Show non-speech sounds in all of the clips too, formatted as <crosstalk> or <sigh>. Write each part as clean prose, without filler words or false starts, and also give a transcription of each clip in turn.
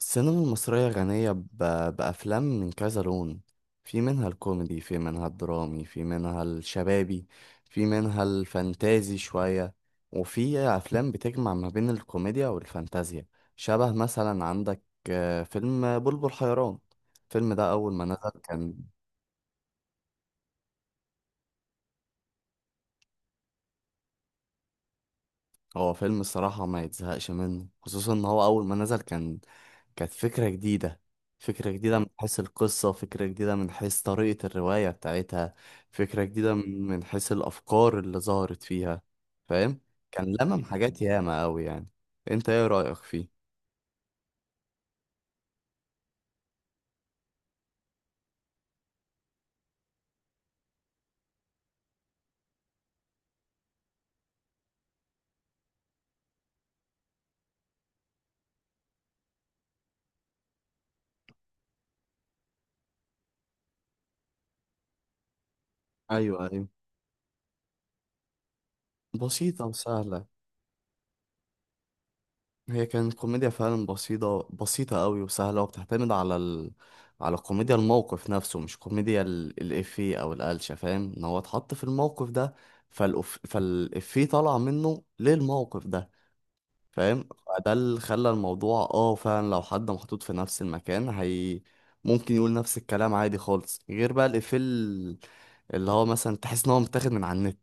السينما المصرية غنية بأفلام من كذا لون. في منها الكوميدي، في منها الدرامي، في منها الشبابي، في منها الفانتازي شوية. وفي أفلام بتجمع ما بين الكوميديا والفانتازيا، شبه مثلا عندك فيلم بلبل حيران. الفيلم ده أول ما نزل كان. هو فيلم الصراحة ما يتزهقش منه، خصوصا ان هو اول ما نزل كانت فكرة جديدة. فكرة جديدة من حيث القصة، فكرة جديدة من حيث طريقة الرواية بتاعتها، فكرة جديدة من حيث الافكار اللي ظهرت فيها. فاهم؟ كان لمم حاجات ياما قوي يعني. انت ايه رأيك فيه؟ ايوه، ايوه، بسيطة وسهلة. هي كانت كوميديا فعلا بسيطة بسيطة قوي وسهلة، وبتعتمد على على كوميديا الموقف نفسه، مش كوميديا الإفيه أو القلشة. فاهم إن هو اتحط في الموقف ده فالإفيه طلع منه للموقف ده. فاهم؟ فده اللي خلى الموضوع، اه، فعلا لو حد محطوط في نفس المكان هي ممكن يقول نفس الكلام عادي خالص، غير بقى الإفيه اللي هو مثلا تحس إن هو متاخد من على النت.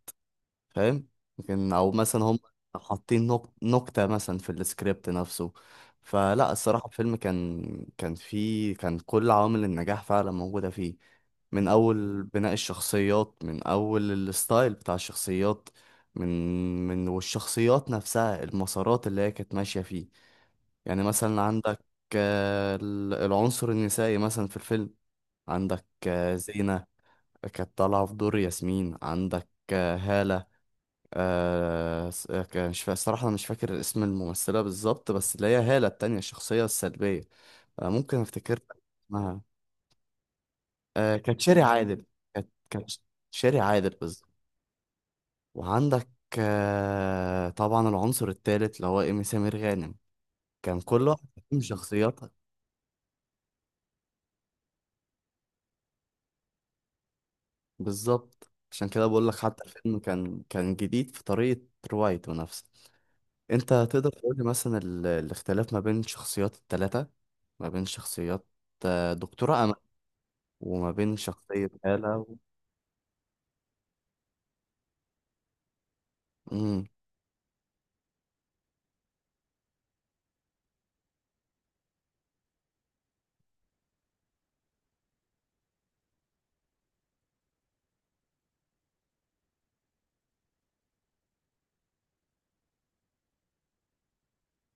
فاهم؟ لكن او مثلا هم حاطين نكتة مثلا في السكريبت نفسه. فلا الصراحة الفيلم كان، كان فيه، كان كل عوامل النجاح فعلا موجودة فيه. من أول بناء الشخصيات، من أول الستايل بتاع الشخصيات، من من والشخصيات نفسها، المسارات اللي هي كانت ماشية فيه. يعني مثلا عندك العنصر النسائي مثلا في الفيلم. عندك زينة كانت طالعة في دور ياسمين. عندك هالة. آه س- آه، ك- مش فا... الصراحة أنا مش فاكر اسم الممثلة بالظبط، بس اللي هي هالة التانية الشخصية السلبية. ممكن أفتكر لك اسمها. كانت شيري عادل. كانت شيري عادل بالظبط. وعندك طبعا العنصر التالت اللي هو إيمي سمير غانم. كان كل واحد فيهم شخصياتها. بالظبط، عشان كده بقول لك حتى الفيلم كان جديد في طريقة روايته نفسه. انت تقدر تقول لي مثلا الاختلاف ما بين شخصيات التلاتة، ما بين شخصيات دكتورة أمل وما بين شخصية هالة مم.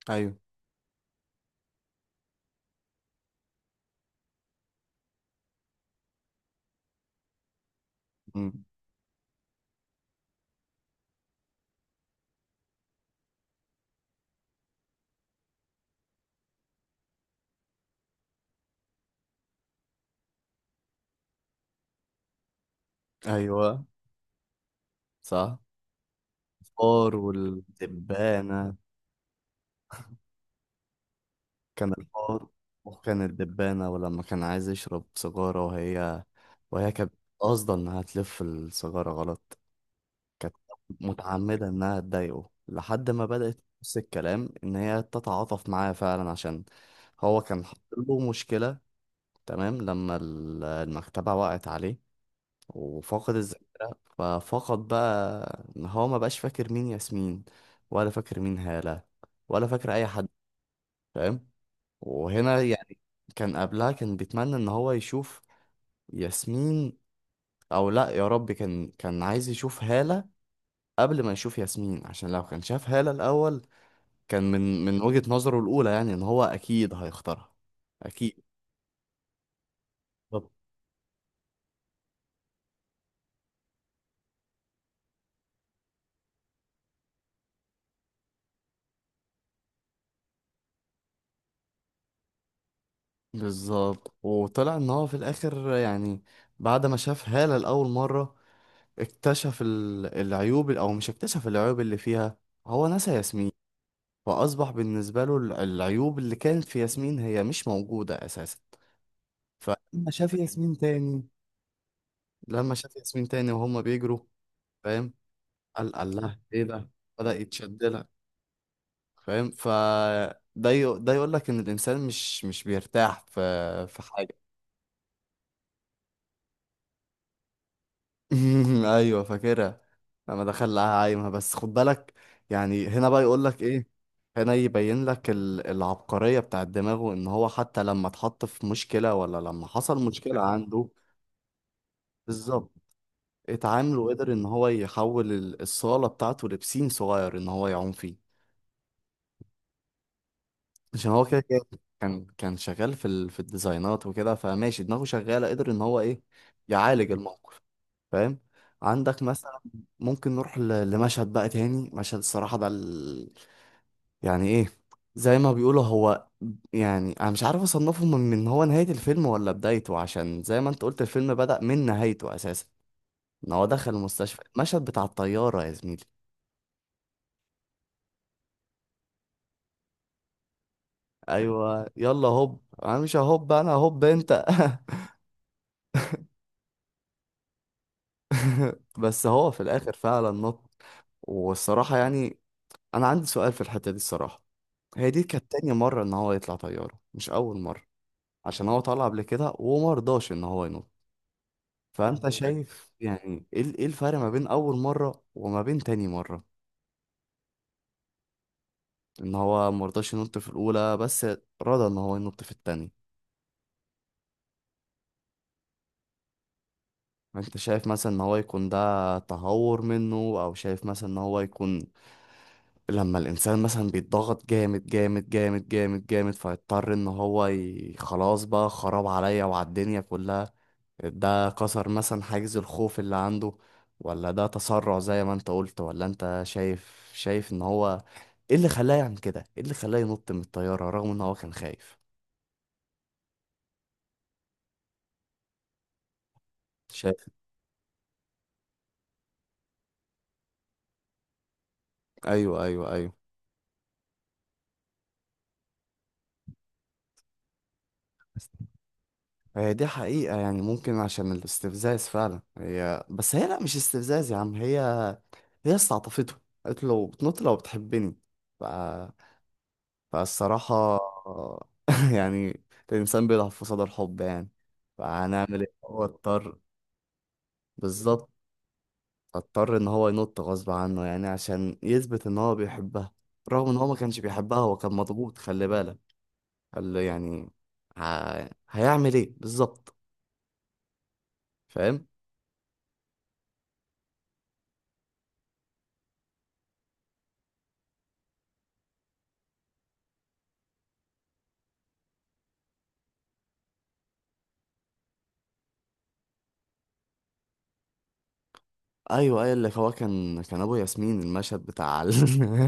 أيوه. مم. أيوه. صح. الفار والدبانة. كان الفار وكان الدبانة، ولما كان عايز يشرب سيجارة وهي كانت قاصدة إنها تلف السيجارة غلط. كانت متعمدة إنها تضايقه لحد ما بدأت نفس الكلام إن هي تتعاطف معاه فعلا عشان هو كان حاطط له مشكلة. تمام، لما المكتبة وقعت عليه وفقد الذاكرة، ففقد بقى إن هو ما بقاش فاكر مين ياسمين، ولا فاكر مين هالة، ولا فاكر أي حد. فاهم؟ وهنا يعني كان قبلها كان بيتمنى إن هو يشوف ياسمين، أو لأ يا رب كان عايز يشوف هالة قبل ما يشوف ياسمين، عشان لو كان شاف هالة الأول كان من وجهة نظره الأولى يعني إن هو أكيد هيختارها. أكيد. بالظبط. بالظبط. وطلع إن هو في الآخر يعني بعد ما شاف هالة لأول مرة اكتشف العيوب، أو مش اكتشف العيوب اللي فيها، هو نسى ياسمين. فأصبح بالنسبة له العيوب اللي كانت في ياسمين هي مش موجودة أساسا. فلما شاف ياسمين تاني، لما شاف ياسمين تاني وهما بيجروا، فاهم؟ قال الله إيه ده؟ بدأ يتشد لها. فاهم؟ ده يقول لك ان الانسان مش بيرتاح في حاجه. <laughs> ايوه فاكرها. لما دخل لها عايمه، بس خد بالك، يعني هنا بقى يقول لك ايه، هنا يبين لك العبقريه بتاع دماغه، ان هو حتى لما اتحط في مشكله ولا لما حصل مشكله عنده، بالظبط، اتعامل وقدر ان هو يحول الصاله بتاعته لبسين صغير ان هو يعوم فيه. عشان هو كده كده كان شغال في في الديزاينات وكده، فماشي دماغه شغالة، قدر ان هو ايه، يعالج الموقف. فاهم؟ عندك مثلا، ممكن نروح لمشهد بقى تاني، مشهد الصراحة ده يعني ايه، زي ما بيقولوا، هو يعني انا مش عارف اصنفه من هو نهاية الفيلم ولا بدايته، عشان زي ما انت قلت الفيلم بدأ من نهايته اساسا، ان هو دخل المستشفى. المشهد بتاع الطيارة يا زميلي، ايوه، يلا هوب انا مش، هوب انا، هوب انت. <laughs> بس هو في الاخر فعلا نط. والصراحة يعني أنا عندي سؤال في الحتة دي. الصراحة هي دي كانت تاني مرة إن هو يطلع طيارة، مش أول مرة، عشان هو طلع قبل كده ومرضاش إن هو ينط. فأنت شايف يعني إيه إيه الفرق ما بين أول مرة وما بين تاني مرة، إن هو مرضاش ينط في الأولى بس رضى إن هو ينط في التاني؟ أنت شايف مثلا إن هو يكون ده تهور منه، أو شايف مثلا إن هو يكون، لما الانسان مثلا بيتضغط جامد جامد جامد جامد جامد فيضطر ان هو خلاص بقى خراب عليا وعلى الدنيا كلها، ده كسر مثلا حاجز الخوف اللي عنده؟ ولا ده تسرع زي ما انت قلت؟ ولا انت شايف ان هو ايه اللي خلاه يعمل كده، ايه اللي خلاه ينط من الطيارة رغم ان هو كان خايف؟ شايف. ايوه، ايوه، ايوه. هي دي حقيقة، يعني ممكن عشان الاستفزاز فعلا، هي بس هي لا مش استفزاز يا عم، هي استعطفته، قالت له لو بتنط لو بتحبني. ف... فالصراحة آه، <laughs> يعني الإنسان بيضعف في صدى الحب، يعني فهنعمل إيه، هو اضطر. بالظبط، اضطر إن هو ينط غصب عنه يعني عشان يثبت إن هو بيحبها، رغم إن هو ما كانش بيحبها، هو كان مضغوط، خلي بالك، قال له يعني ه... هيعمل إيه بالظبط؟ فاهم؟ ايوه، ايوه، اللي هو كان ابو ياسمين، المشهد بتاع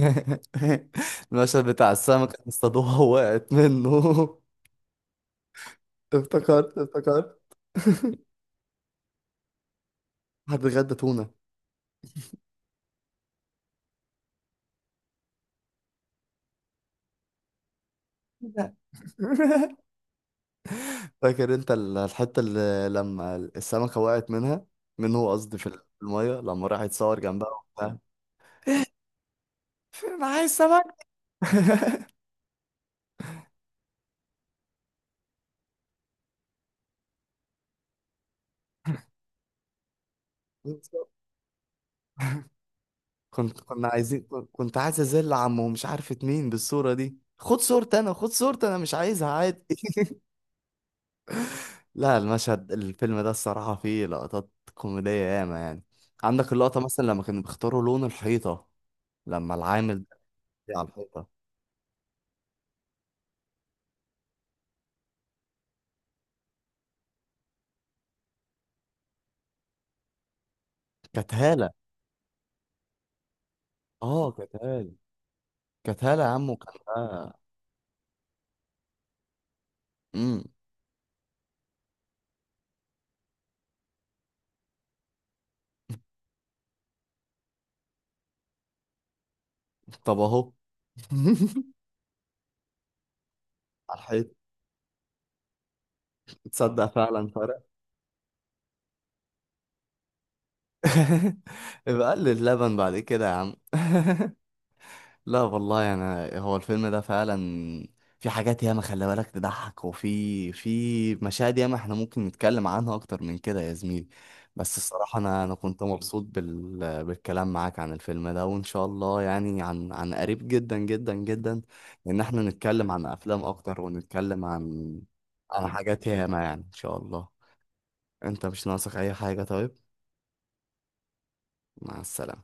<laughs> المشهد بتاع السمكه اللي اصطادوها وقعت منه. <laughs> افتكرت، افتكرت. <laughs> حد غدا تونه؟ لا. <laughs> فاكر انت الحته اللي لما السمكه وقعت منها منه قصدي في الميه، لما راح يتصور جنبها وبتاع؟ فين معايا السمك. <laughs> كنت، كنا عايزين، كنت عايز ازل عمه ومش عارفه مين بالصوره دي، خد صورتي انا، خد صورتي انا، مش عايزها، عادي. لا، المشهد، الفيلم ده الصراحة فيه لقطات كوميدية ياما يعني. عندك اللقطة مثلا لما كانوا بيختاروا لون الحيطة، لما العامل ده على الحيطة. كانت هالة، اه كانت هالة، كانت هالة يا عم، وكان امم طب اهو. <laughs> على الحيط. تصدق فعلا فرق. <laughs> يبقى قلل اللبن بعد كده يا عم. <laughs> لا والله، انا هو الفيلم ده فعلا في حاجات ياما خلي بالك تضحك، وفي مشاهد ياما احنا ممكن نتكلم عنها اكتر من كده يا زميلي. بس الصراحة انا كنت مبسوط بالكلام معاك عن الفيلم ده، وان شاء الله يعني عن قريب جدا جدا جدا ان احنا نتكلم عن افلام اكتر، ونتكلم عن حاجات ياما يعني، ان شاء الله. انت مش ناقصك اي حاجة طيب؟ مع السلامة.